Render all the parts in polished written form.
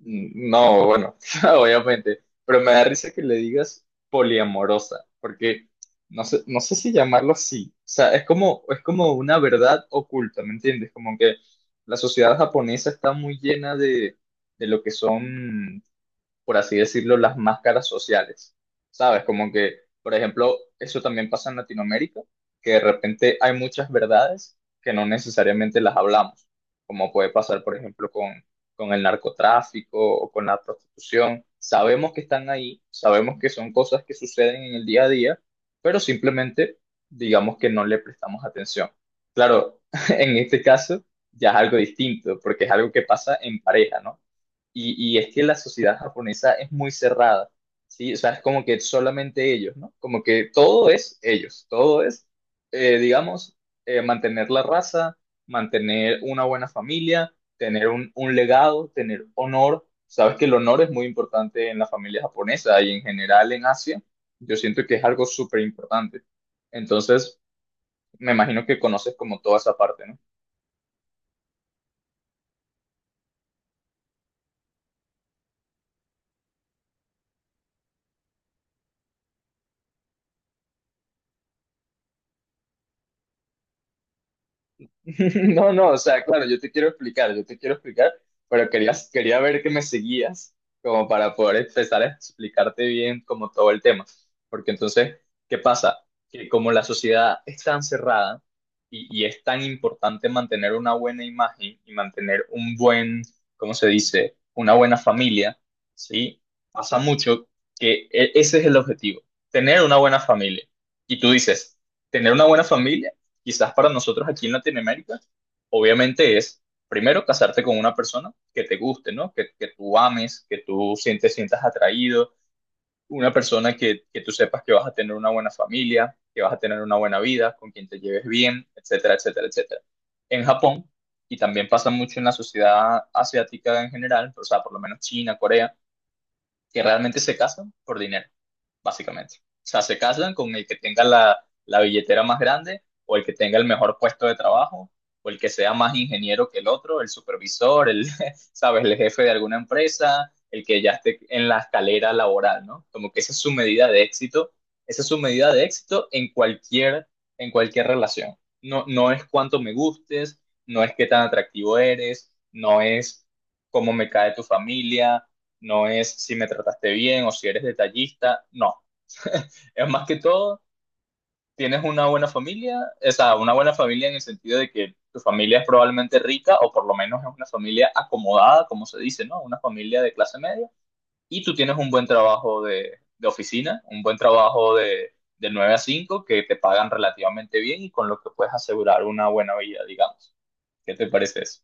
No, bueno, obviamente, pero me da risa que le digas poliamorosa, porque no sé si llamarlo así, o sea, es como una verdad oculta, ¿me entiendes? Como que la sociedad japonesa está muy llena de lo que son, por así decirlo, las máscaras sociales, ¿sabes? Como que, por ejemplo, eso también pasa en Latinoamérica, que de repente hay muchas verdades que no necesariamente las hablamos, como puede pasar, por ejemplo, con el narcotráfico o con la prostitución. Sabemos que están ahí, sabemos que son cosas que suceden en el día a día, pero simplemente digamos que no le prestamos atención. Claro, en este caso ya es algo distinto, porque es algo que pasa en pareja, ¿no? Y es que la sociedad japonesa es muy cerrada, ¿sí? O sea, es como que solamente ellos, ¿no? Como que todo es ellos, todo es, digamos, mantener la raza, mantener una buena familia, tener un legado, tener honor. Sabes que el honor es muy importante en la familia japonesa y en general en Asia. Yo siento que es algo súper importante. Entonces, me imagino que conoces como toda esa parte, ¿no? No, no, o sea, claro, yo te quiero explicar, pero quería ver que me seguías como para poder empezar a explicarte bien como todo el tema. Porque entonces, ¿qué pasa? Que como la sociedad es tan cerrada y es tan importante mantener una buena imagen y mantener un buen, ¿cómo se dice? Una buena familia, ¿sí? Pasa mucho que ese es el objetivo, tener una buena familia. Y tú dices, tener una buena familia quizás para nosotros aquí en Latinoamérica, obviamente es primero casarte con una persona que te guste, ¿no? Que tú ames, que tú sientas atraído, una persona que tú sepas que vas a tener una buena familia, que vas a tener una buena vida, con quien te lleves bien, etcétera, etcétera, etcétera. En Japón, y también pasa mucho en la sociedad asiática en general, o sea, por lo menos China, Corea, que realmente se casan por dinero básicamente. O sea, se casan con el que tenga la billetera más grande o el que tenga el mejor puesto de trabajo o el que sea más ingeniero que el otro, el supervisor, sabes, el jefe de alguna empresa, el que ya esté en la escalera laboral, ¿no? Como que esa es su medida de éxito en cualquier relación. No, no es cuánto me gustes, no es qué tan atractivo eres, no es cómo me cae tu familia, no es si me trataste bien o si eres detallista, no, es más que todo, tienes una buena familia, o sea, una buena familia en el sentido de que tu familia es probablemente rica o por lo menos es una familia acomodada, como se dice, ¿no? Una familia de clase media. Y tú tienes un buen trabajo de oficina, un buen trabajo de 9 a 5 que te pagan relativamente bien y con lo que puedes asegurar una buena vida, digamos. ¿Qué te parece eso?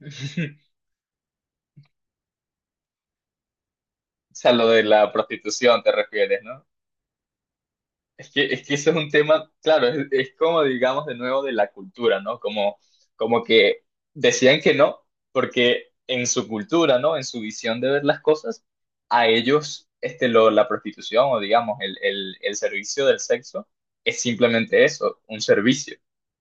O sea, lo de la prostitución te refieres, ¿no? Es que eso es un tema, claro, es como digamos de nuevo de la cultura, ¿no? Como que decían que no, porque en su cultura, ¿no? En su visión de ver las cosas, a ellos este, la prostitución o digamos el servicio del sexo es simplemente eso, un servicio,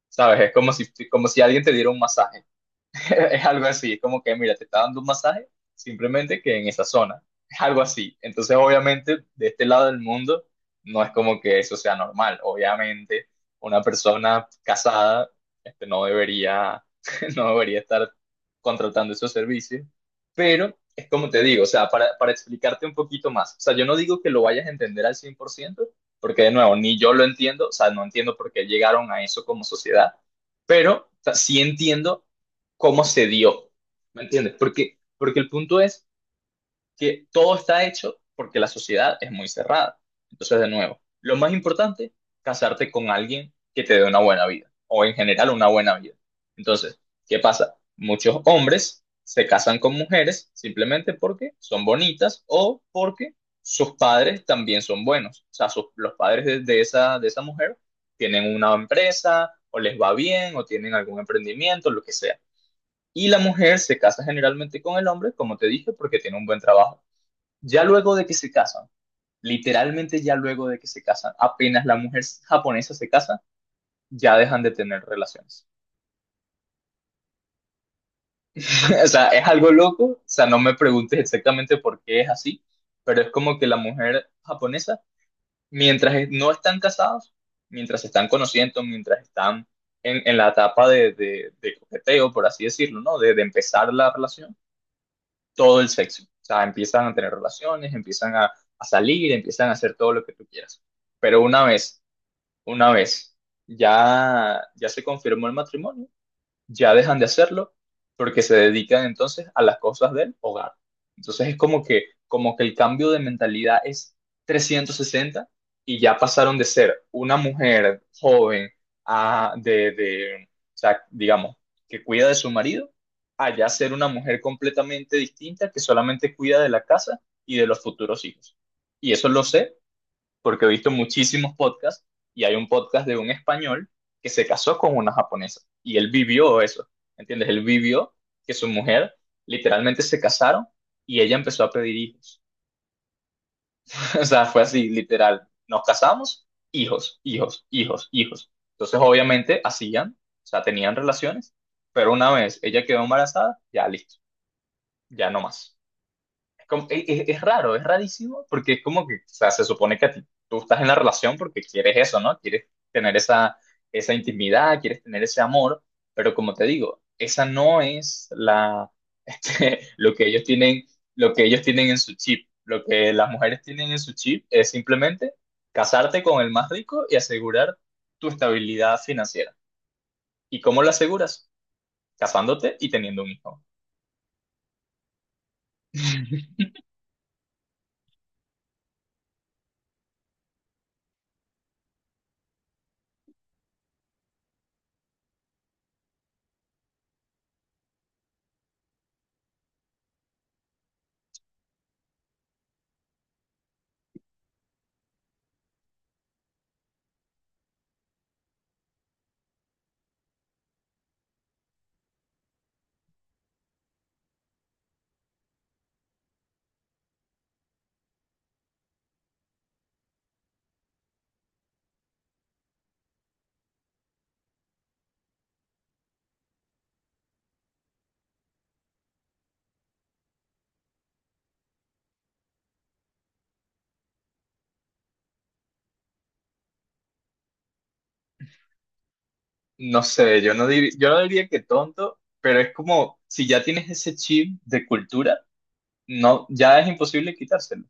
¿sabes? Es como si alguien te diera un masaje. Es algo así, es como que, mira, te está dando un masaje, simplemente que en esa zona. Es algo así. Entonces, obviamente, de este lado del mundo, no es como que eso sea normal. Obviamente, una persona casada, no debería, no debería estar contratando esos servicios. Pero es como te digo, o sea, para explicarte un poquito más. O sea, yo no digo que lo vayas a entender al 100%, porque de nuevo, ni yo lo entiendo, o sea, no entiendo por qué llegaron a eso como sociedad, pero o sea, sí entiendo cómo se dio, ¿me entiendes? Porque el punto es que todo está hecho porque la sociedad es muy cerrada. Entonces, de nuevo, lo más importante, casarte con alguien que te dé una buena vida, o en general una buena vida. Entonces, ¿qué pasa? Muchos hombres se casan con mujeres simplemente porque son bonitas o porque sus padres también son buenos. O sea, los padres de esa, de esa, mujer tienen una empresa, o les va bien, o tienen algún emprendimiento, lo que sea. Y la mujer se casa generalmente con el hombre, como te dije, porque tiene un buen trabajo. Ya luego de que se casan, literalmente ya luego de que se casan, apenas la mujer japonesa se casa, ya dejan de tener relaciones. O sea, es algo loco, o sea, no me preguntes exactamente por qué es así, pero es como que la mujer japonesa, mientras no están casados, mientras se están conociendo, mientras están en la etapa de coqueteo, por así decirlo, ¿no? De empezar la relación todo el sexo. O sea, empiezan a tener relaciones, empiezan a salir, empiezan a hacer todo lo que tú quieras. Pero una vez ya se confirmó el matrimonio, ya dejan de hacerlo porque se dedican entonces a las cosas del hogar. Entonces es como que el cambio de mentalidad es 360 y ya pasaron de ser una mujer joven a, o sea, digamos, que cuida de su marido, a ya ser una mujer completamente distinta que solamente cuida de la casa y de los futuros hijos. Y eso lo sé porque he visto muchísimos podcasts y hay un podcast de un español que se casó con una japonesa y él vivió eso, ¿entiendes? Él vivió que su mujer literalmente se casaron y ella empezó a pedir hijos. O sea, fue así, literal. Nos casamos, hijos, hijos, hijos, hijos. Entonces, obviamente, hacían, o sea, tenían relaciones, pero una vez ella quedó embarazada, ya listo, ya no más. Es, es raro, es rarísimo, porque es como que, o sea, se supone que tú estás en la relación porque quieres eso, ¿no? Quieres tener esa intimidad, quieres tener ese amor, pero como te digo, esa no es lo que ellos tienen, lo que ellos tienen en su chip. Lo que las mujeres tienen en su chip es simplemente casarte con el más rico y asegurar tu estabilidad financiera. ¿Y cómo lo aseguras? Casándote y teniendo un hijo. No sé, yo no diría que tonto, pero es como si ya tienes ese chip de cultura, no, ya es imposible quitárselo.